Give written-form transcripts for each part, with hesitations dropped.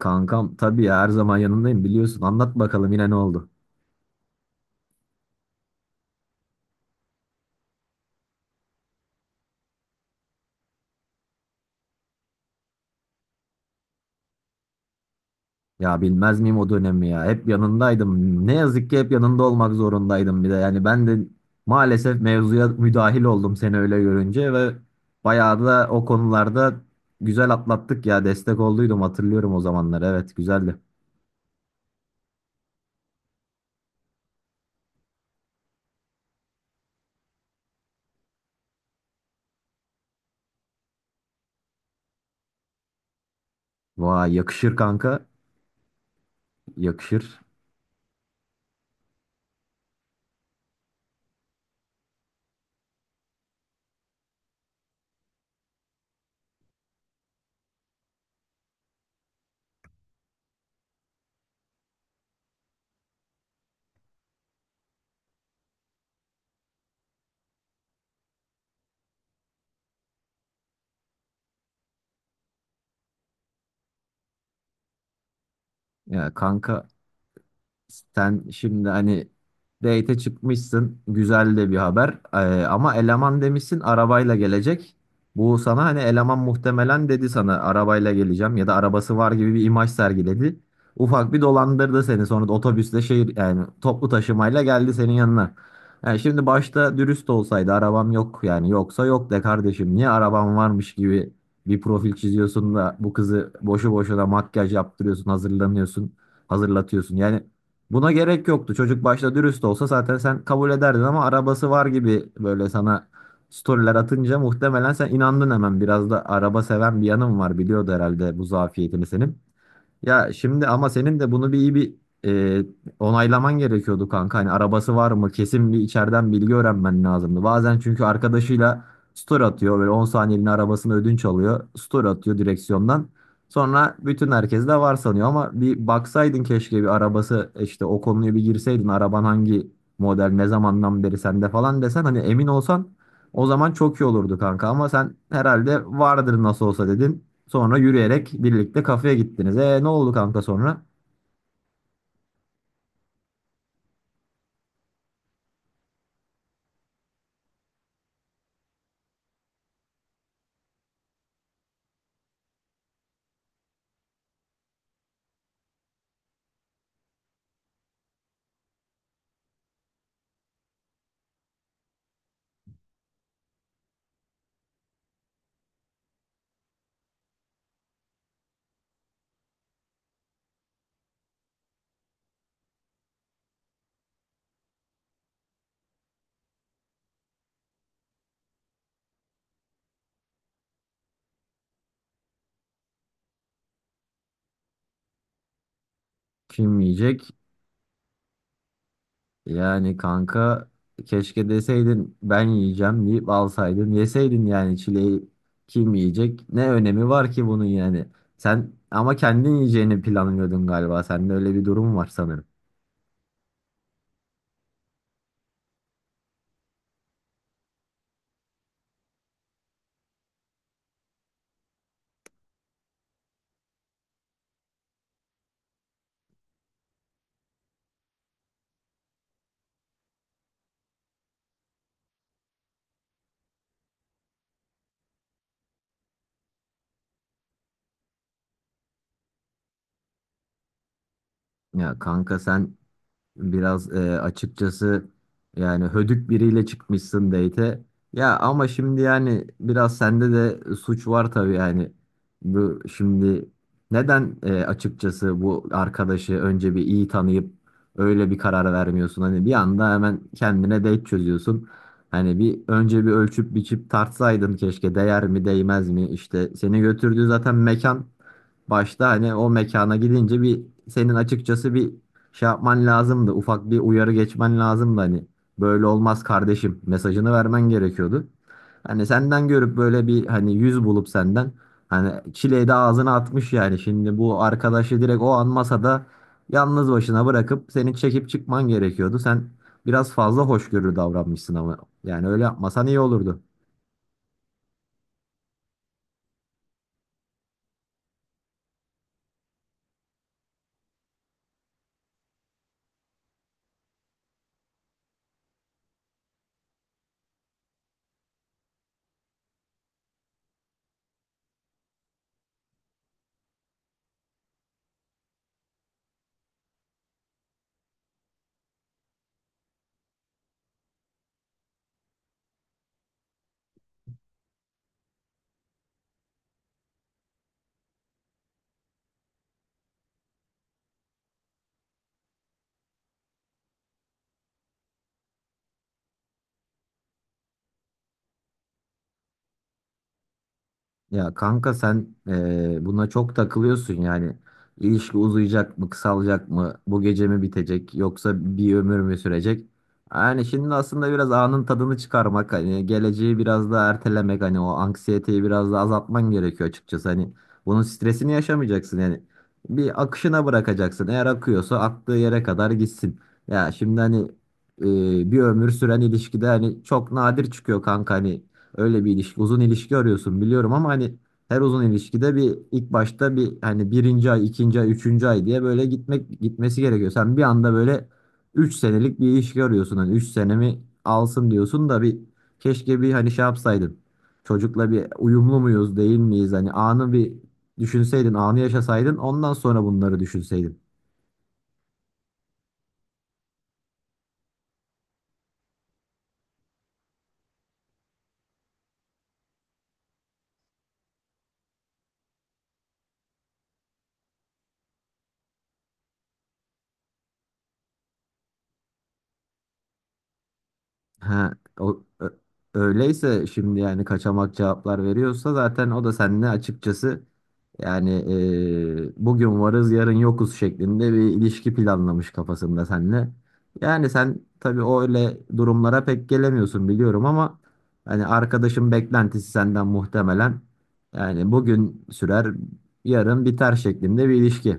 Kankam tabii ya, her zaman yanındayım biliyorsun. Anlat bakalım, yine ne oldu? Ya bilmez miyim o dönemi ya? Hep yanındaydım. Ne yazık ki hep yanında olmak zorundaydım bir de. Yani ben de maalesef mevzuya müdahil oldum seni öyle görünce ve bayağı da o konularda güzel atlattık ya. Destek olduydum, hatırlıyorum o zamanları. Evet, güzeldi. Vay, yakışır kanka. Yakışır. Ya kanka, sen şimdi hani date'e çıkmışsın. Güzel de bir haber. Ama eleman demişsin arabayla gelecek. Bu sana hani eleman muhtemelen dedi sana arabayla geleceğim ya da arabası var gibi bir imaj sergiledi. Ufak bir dolandırdı seni. Sonra da otobüsle şehir, yani toplu taşımayla geldi senin yanına. Yani şimdi başta dürüst olsaydı arabam yok, yani yoksa yok de kardeşim, niye arabam varmış gibi bir profil çiziyorsun da bu kızı boşu boşuna makyaj yaptırıyorsun, hazırlanıyorsun, hazırlatıyorsun yani. Buna gerek yoktu. Çocuk başta dürüst olsa zaten sen kabul ederdin, ama arabası var gibi böyle sana storyler atınca muhtemelen sen inandın hemen. Biraz da araba seven bir yanım var. Biliyordu herhalde bu zafiyetini senin. Ya şimdi ama senin de bunu bir iyi bir e, onaylaman gerekiyordu kanka. Hani arabası var mı? Kesin bir içeriden bilgi öğrenmen lazımdı. Bazen çünkü arkadaşıyla story atıyor. Böyle 10 saniyeliğine arabasını ödünç alıyor. Story atıyor direksiyondan. Sonra bütün herkes de var sanıyor, ama bir baksaydın keşke bir arabası işte o konuya bir girseydin. Araban hangi model, ne zamandan beri sende falan desen, hani emin olsan o zaman çok iyi olurdu kanka. Ama sen herhalde vardır nasıl olsa dedin. Sonra yürüyerek birlikte kafeye gittiniz. E, ne oldu kanka sonra? Kim yiyecek? Yani kanka, keşke deseydin ben yiyeceğim deyip alsaydın yeseydin yani çileği. Kim yiyecek? Ne önemi var ki bunun yani? Sen ama kendin yiyeceğini planlıyordun galiba. Sende öyle bir durum var sanırım. Ya kanka, sen biraz, açıkçası yani hödük biriyle çıkmışsın date'e. Ya ama şimdi yani biraz sende de suç var tabii yani. Bu şimdi neden, açıkçası bu arkadaşı önce bir iyi tanıyıp öyle bir karar vermiyorsun? Hani bir anda hemen kendine date çözüyorsun. Hani bir önce bir ölçüp biçip tartsaydın keşke, değer mi değmez mi? İşte seni götürdüğü zaten mekan, başta hani o mekana gidince bir senin açıkçası bir şey yapman lazımdı. Ufak bir uyarı geçmen lazımdı hani. Böyle olmaz kardeşim mesajını vermen gerekiyordu. Hani senden görüp böyle bir hani yüz bulup senden hani çileyi de ağzına atmış yani. Şimdi bu arkadaşı direkt o an masada yalnız başına bırakıp seni çekip çıkman gerekiyordu. Sen biraz fazla hoşgörülü davranmışsın, ama yani öyle yapmasan iyi olurdu. Ya kanka, sen buna çok takılıyorsun yani. İlişki uzayacak mı, kısalacak mı, bu gece mi bitecek, yoksa bir ömür mü sürecek? Yani şimdi aslında biraz anın tadını çıkarmak, hani geleceği biraz da ertelemek, hani o anksiyeteyi biraz da azaltman gerekiyor açıkçası. Hani bunun stresini yaşamayacaksın yani. Bir akışına bırakacaksın. Eğer akıyorsa aktığı yere kadar gitsin. Ya şimdi hani, bir ömür süren ilişkide hani çok nadir çıkıyor kanka hani. Öyle bir ilişki, uzun ilişki arıyorsun biliyorum ama hani her uzun ilişkide bir ilk başta bir hani birinci ay, ikinci ay, üçüncü ay diye böyle gitmesi gerekiyor. Sen bir anda böyle 3 senelik bir ilişki arıyorsun. Hani 3 senemi alsın diyorsun da bir, keşke bir hani şey yapsaydın. Çocukla bir uyumlu muyuz, değil miyiz? Hani anı bir düşünseydin, anı yaşasaydın, ondan sonra bunları düşünseydin. Ha, o, ö- öyleyse şimdi yani kaçamak cevaplar veriyorsa, zaten o da seninle açıkçası yani, bugün varız yarın yokuz şeklinde bir ilişki planlamış kafasında seninle. Yani sen tabii o öyle durumlara pek gelemiyorsun biliyorum, ama hani arkadaşın beklentisi senden muhtemelen yani bugün sürer, yarın biter şeklinde bir ilişki.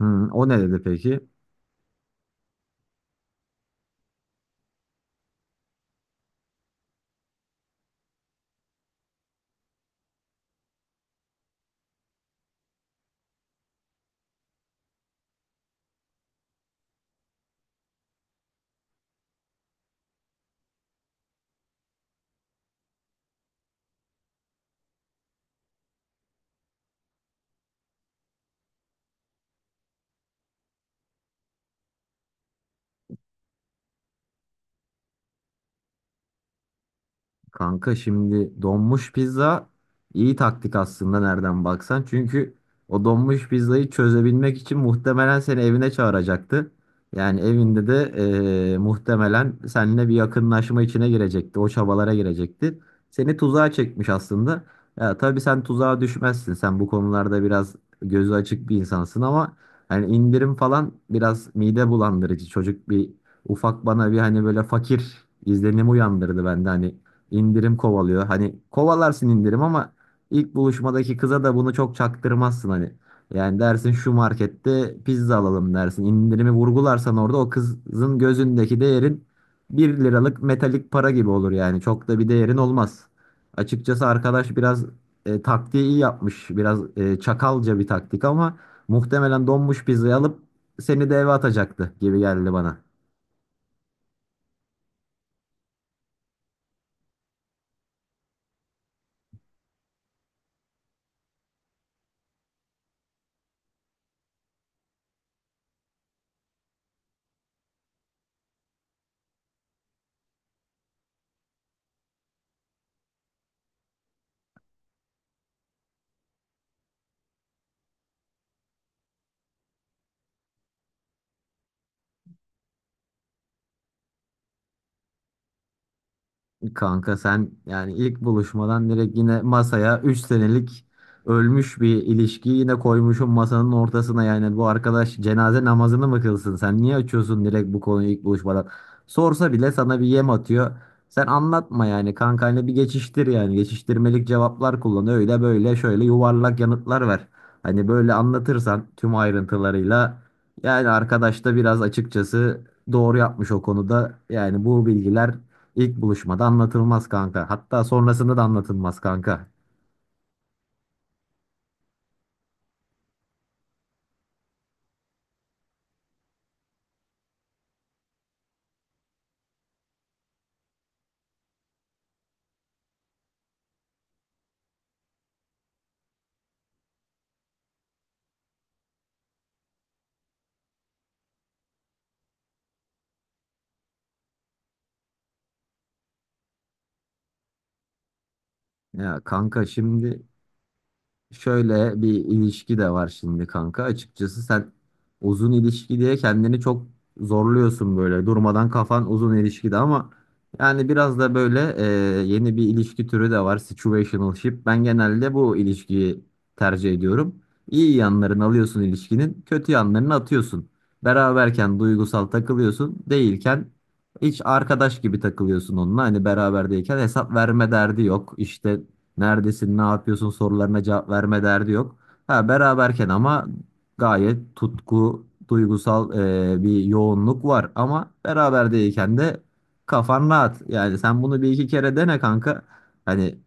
Hı, o ne dedi peki? Kanka şimdi donmuş pizza iyi taktik aslında nereden baksan. Çünkü o donmuş pizzayı çözebilmek için muhtemelen seni evine çağıracaktı. Yani evinde de muhtemelen seninle bir yakınlaşma içine girecekti. O çabalara girecekti. Seni tuzağa çekmiş aslında. Ya tabii sen tuzağa düşmezsin. Sen bu konularda biraz gözü açık bir insansın, ama hani indirim falan biraz mide bulandırıcı. Çocuk bir ufak bana bir hani böyle fakir izlenimi uyandırdı bende, hani indirim kovalıyor. Hani kovalarsın indirim, ama ilk buluşmadaki kıza da bunu çok çaktırmazsın hani. Yani dersin şu markette pizza alalım dersin. İndirimi vurgularsan orada o kızın gözündeki değerin 1 liralık metalik para gibi olur yani. Çok da bir değerin olmaz. Açıkçası arkadaş biraz taktiği iyi yapmış. Biraz çakalca bir taktik, ama muhtemelen donmuş pizzayı alıp seni de eve atacaktı gibi geldi bana. Kanka sen yani ilk buluşmadan direkt yine masaya 3 senelik ölmüş bir ilişkiyi yine koymuşum masanın ortasına, yani bu arkadaş cenaze namazını mı kılsın? Sen niye açıyorsun direkt bu konuyu ilk buluşmadan? Sorsa bile sana bir yem atıyor, sen anlatma yani kankayla, bir geçiştir yani, geçiştirmelik cevaplar kullan, öyle böyle şöyle yuvarlak yanıtlar ver. Hani böyle anlatırsan tüm ayrıntılarıyla, yani arkadaş da biraz açıkçası doğru yapmış o konuda yani. Bu bilgiler İlk buluşmada anlatılmaz kanka. Hatta sonrasında da anlatılmaz kanka. Ya kanka, şimdi şöyle bir ilişki de var şimdi kanka. Açıkçası sen uzun ilişki diye kendini çok zorluyorsun böyle. Durmadan kafan uzun ilişkide, ama yani biraz da böyle yeni bir ilişki türü de var. Situationship. Ben genelde bu ilişkiyi tercih ediyorum. İyi yanlarını alıyorsun ilişkinin, kötü yanlarını atıyorsun. Beraberken duygusal takılıyorsun, değilken hiç arkadaş gibi takılıyorsun onunla. Hani beraberdeyken hesap verme derdi yok. İşte neredesin, ne yapıyorsun sorularına cevap verme derdi yok. Ha, beraberken ama gayet tutku, duygusal bir yoğunluk var. Ama beraber değilken de kafan rahat. Yani sen bunu bir iki kere dene kanka. Hani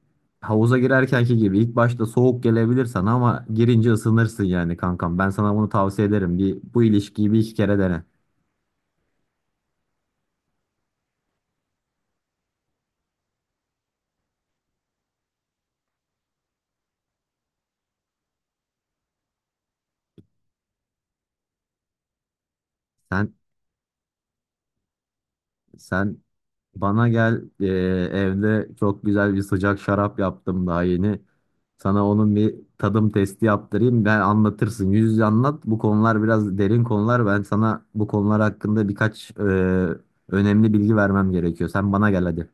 havuza girerkenki gibi ilk başta soğuk gelebilir sana, ama girince ısınırsın yani kankam. Ben sana bunu tavsiye ederim. Bir, bu ilişkiyi bir iki kere dene. Sen sen Bana gel, evde çok güzel bir sıcak şarap yaptım daha yeni. Sana onun bir tadım testi yaptırayım. Ben anlatırsın. Yüz yüze anlat. Bu konular biraz derin konular. Ben sana bu konular hakkında birkaç önemli bilgi vermem gerekiyor. Sen bana gel hadi.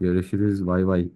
Görüşürüz. Bay bay.